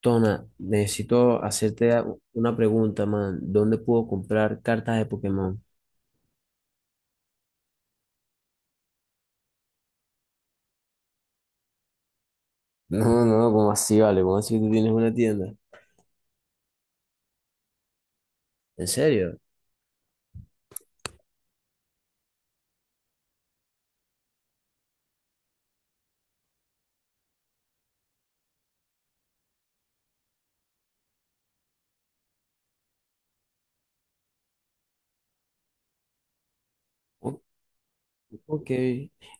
Tona, necesito hacerte una pregunta, man. ¿Dónde puedo comprar cartas de Pokémon? No, no, ¿cómo así, vale? ¿Cómo así que tú tienes una tienda? ¿En serio? Ok,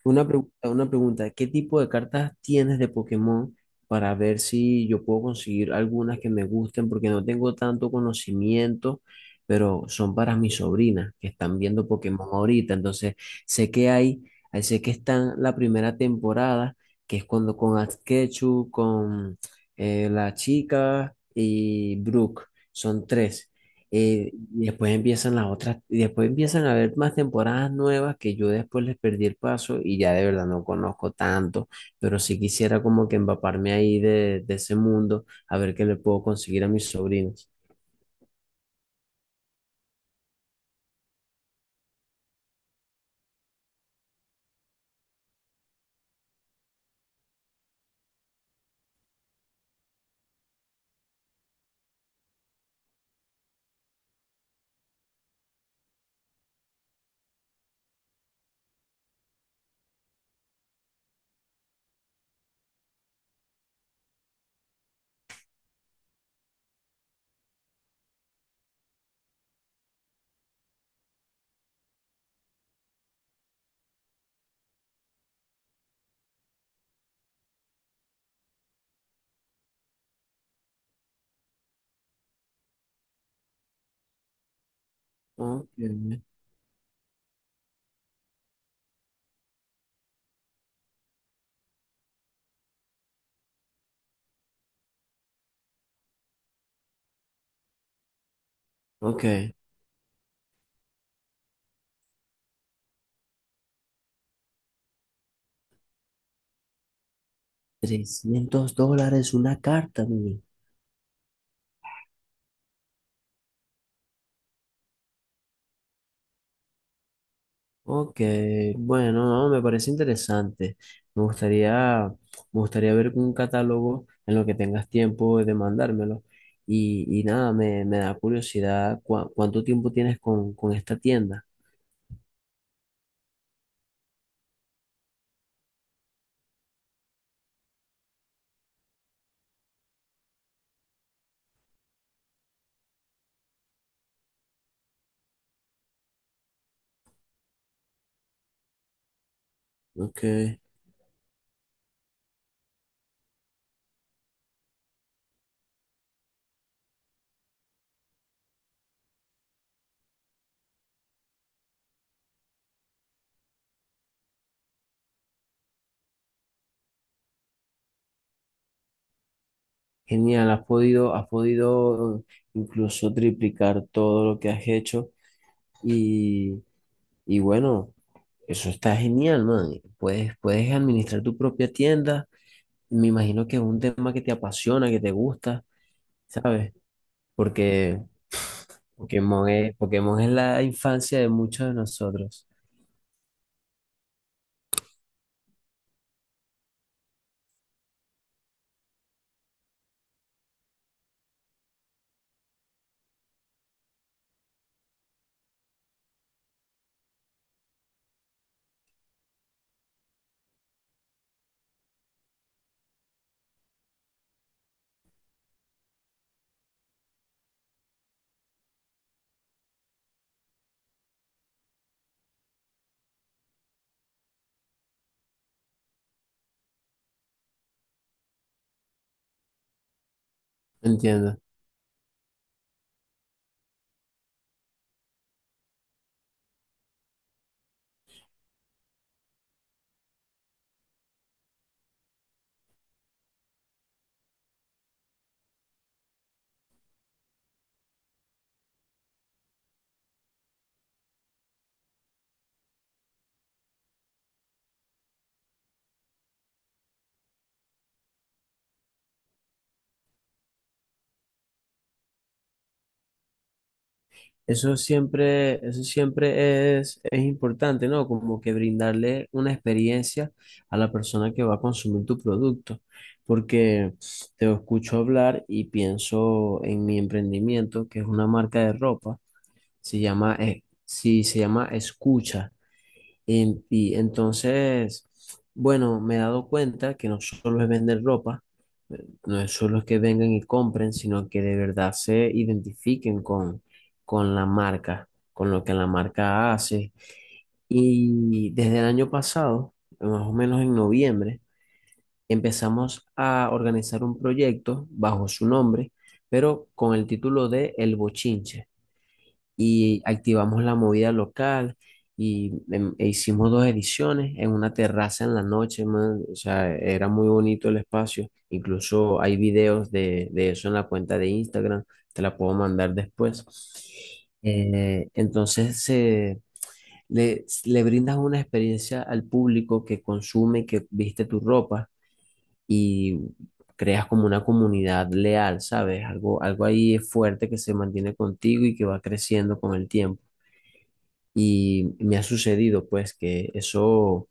una pregunta, una pregunta. ¿Qué tipo de cartas tienes de Pokémon para ver si yo puedo conseguir algunas que me gusten? Porque no tengo tanto conocimiento, pero son para mis sobrinas que están viendo Pokémon ahorita. Entonces, sé que hay, ahí sé que están la primera temporada, que es cuando con Asketchu, con la chica y Brooke. Son tres. Y después empiezan las otras, y después empiezan a haber más temporadas nuevas que yo después les perdí el paso y ya de verdad no conozco tanto, pero sí quisiera como que empaparme ahí de ese mundo, a ver qué le puedo conseguir a mis sobrinos. Ok, ok. 300 dólares una carta, mire. Ok, bueno, no, me parece interesante. Me gustaría, me gustaría ver un catálogo en lo que tengas tiempo de mandármelo. Y nada, me da curiosidad cuánto tiempo tienes con esta tienda. Ok, genial, has podido incluso triplicar todo lo que has hecho. Y, y bueno, eso está genial, man. Puedes administrar tu propia tienda. Me imagino que es un tema que te apasiona, que te gusta, ¿sabes? Porque Pokémon es la infancia de muchos de nosotros. ¿Entiendes? Eso siempre es importante, ¿no? Como que brindarle una experiencia a la persona que va a consumir tu producto, porque te escucho hablar y pienso en mi emprendimiento, que es una marca de ropa, se llama, sí, se llama Escucha. Y entonces, bueno, me he dado cuenta que no solo es vender ropa, no es solo que vengan y compren, sino que de verdad se identifiquen con la marca, con lo que la marca hace. Y desde el año pasado, más o menos en noviembre, empezamos a organizar un proyecto bajo su nombre, pero con el título de El Bochinche y activamos la movida local y e hicimos dos ediciones en una terraza en la noche, man. O sea, era muy bonito el espacio. Incluso hay videos de eso en la cuenta de Instagram, te la puedo mandar después. Entonces, le brindas una experiencia al público que consume, que viste tu ropa y creas como una comunidad leal, ¿sabes? Algo ahí fuerte que se mantiene contigo y que va creciendo con el tiempo. Y me ha sucedido pues que eso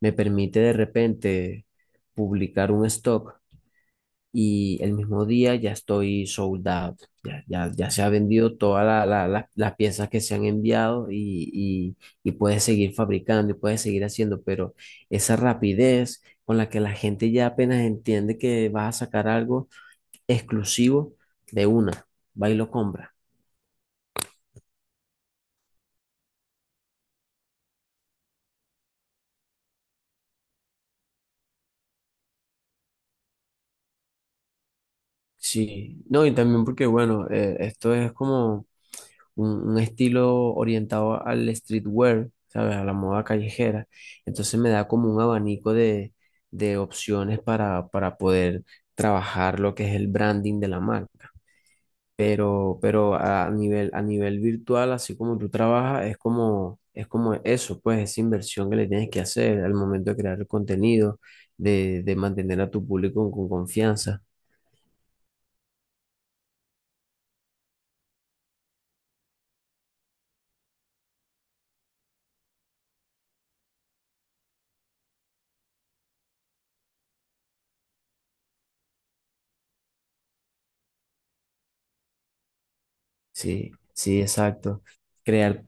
me permite de repente publicar un stock y el mismo día ya estoy sold out, ya se ha vendido todas las piezas que se han enviado y puedes seguir fabricando y puedes seguir haciendo, pero esa rapidez con la que la gente ya apenas entiende que vas a sacar algo exclusivo de una, va y lo compra. Sí, no, y también porque bueno, esto es como un estilo orientado al streetwear, ¿sabes? A la moda callejera. Entonces me da como un abanico de opciones para poder trabajar lo que es el branding de la marca. Pero a nivel virtual, así como tú trabajas, es como eso, pues esa inversión que le tienes que hacer al momento de crear el contenido, de mantener a tu público con confianza. Sí, sí, exacto. Crear.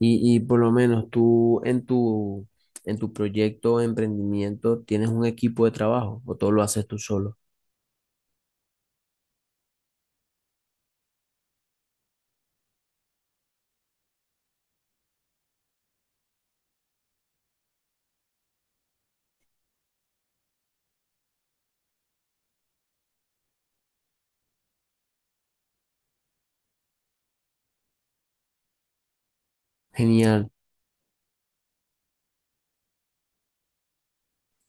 Y por lo menos tú en tu proyecto, emprendimiento, ¿tienes un equipo de trabajo o todo lo haces tú solo? Genial.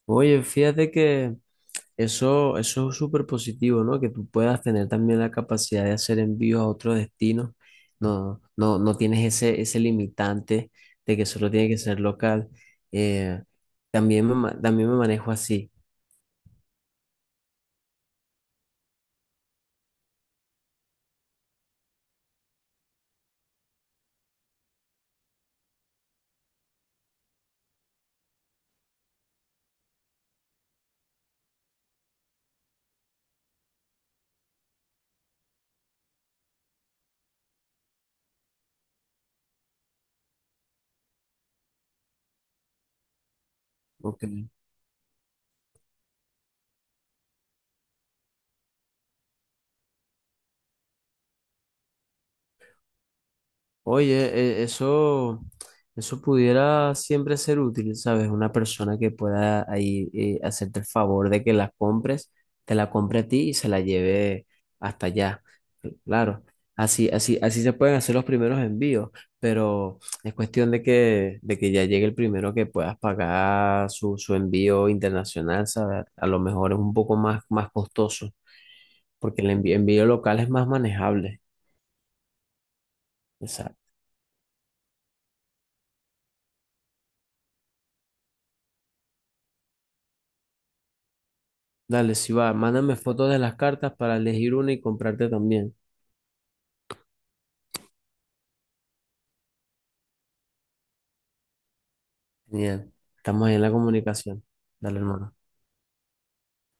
Oye, fíjate que eso es súper positivo, ¿no? Que tú puedas tener también la capacidad de hacer envíos a otros destinos. No tienes ese, ese limitante de que solo tiene que ser local. Eh, también también me manejo así. Ok. Oye, eso pudiera siempre ser útil, ¿sabes? Una persona que pueda ahí hacerte el favor de que la compres, te la compre a ti y se la lleve hasta allá. Claro, así se pueden hacer los primeros envíos, pero es cuestión de que ya llegue el primero que puedas pagar su envío internacional, ¿sabes? A lo mejor es un poco más, más costoso, porque el envío local es más manejable. Exacto. Dale, si va, mándame fotos de las cartas para elegir una y comprarte también. Genial. Estamos ahí en la comunicación. Dale, hermano.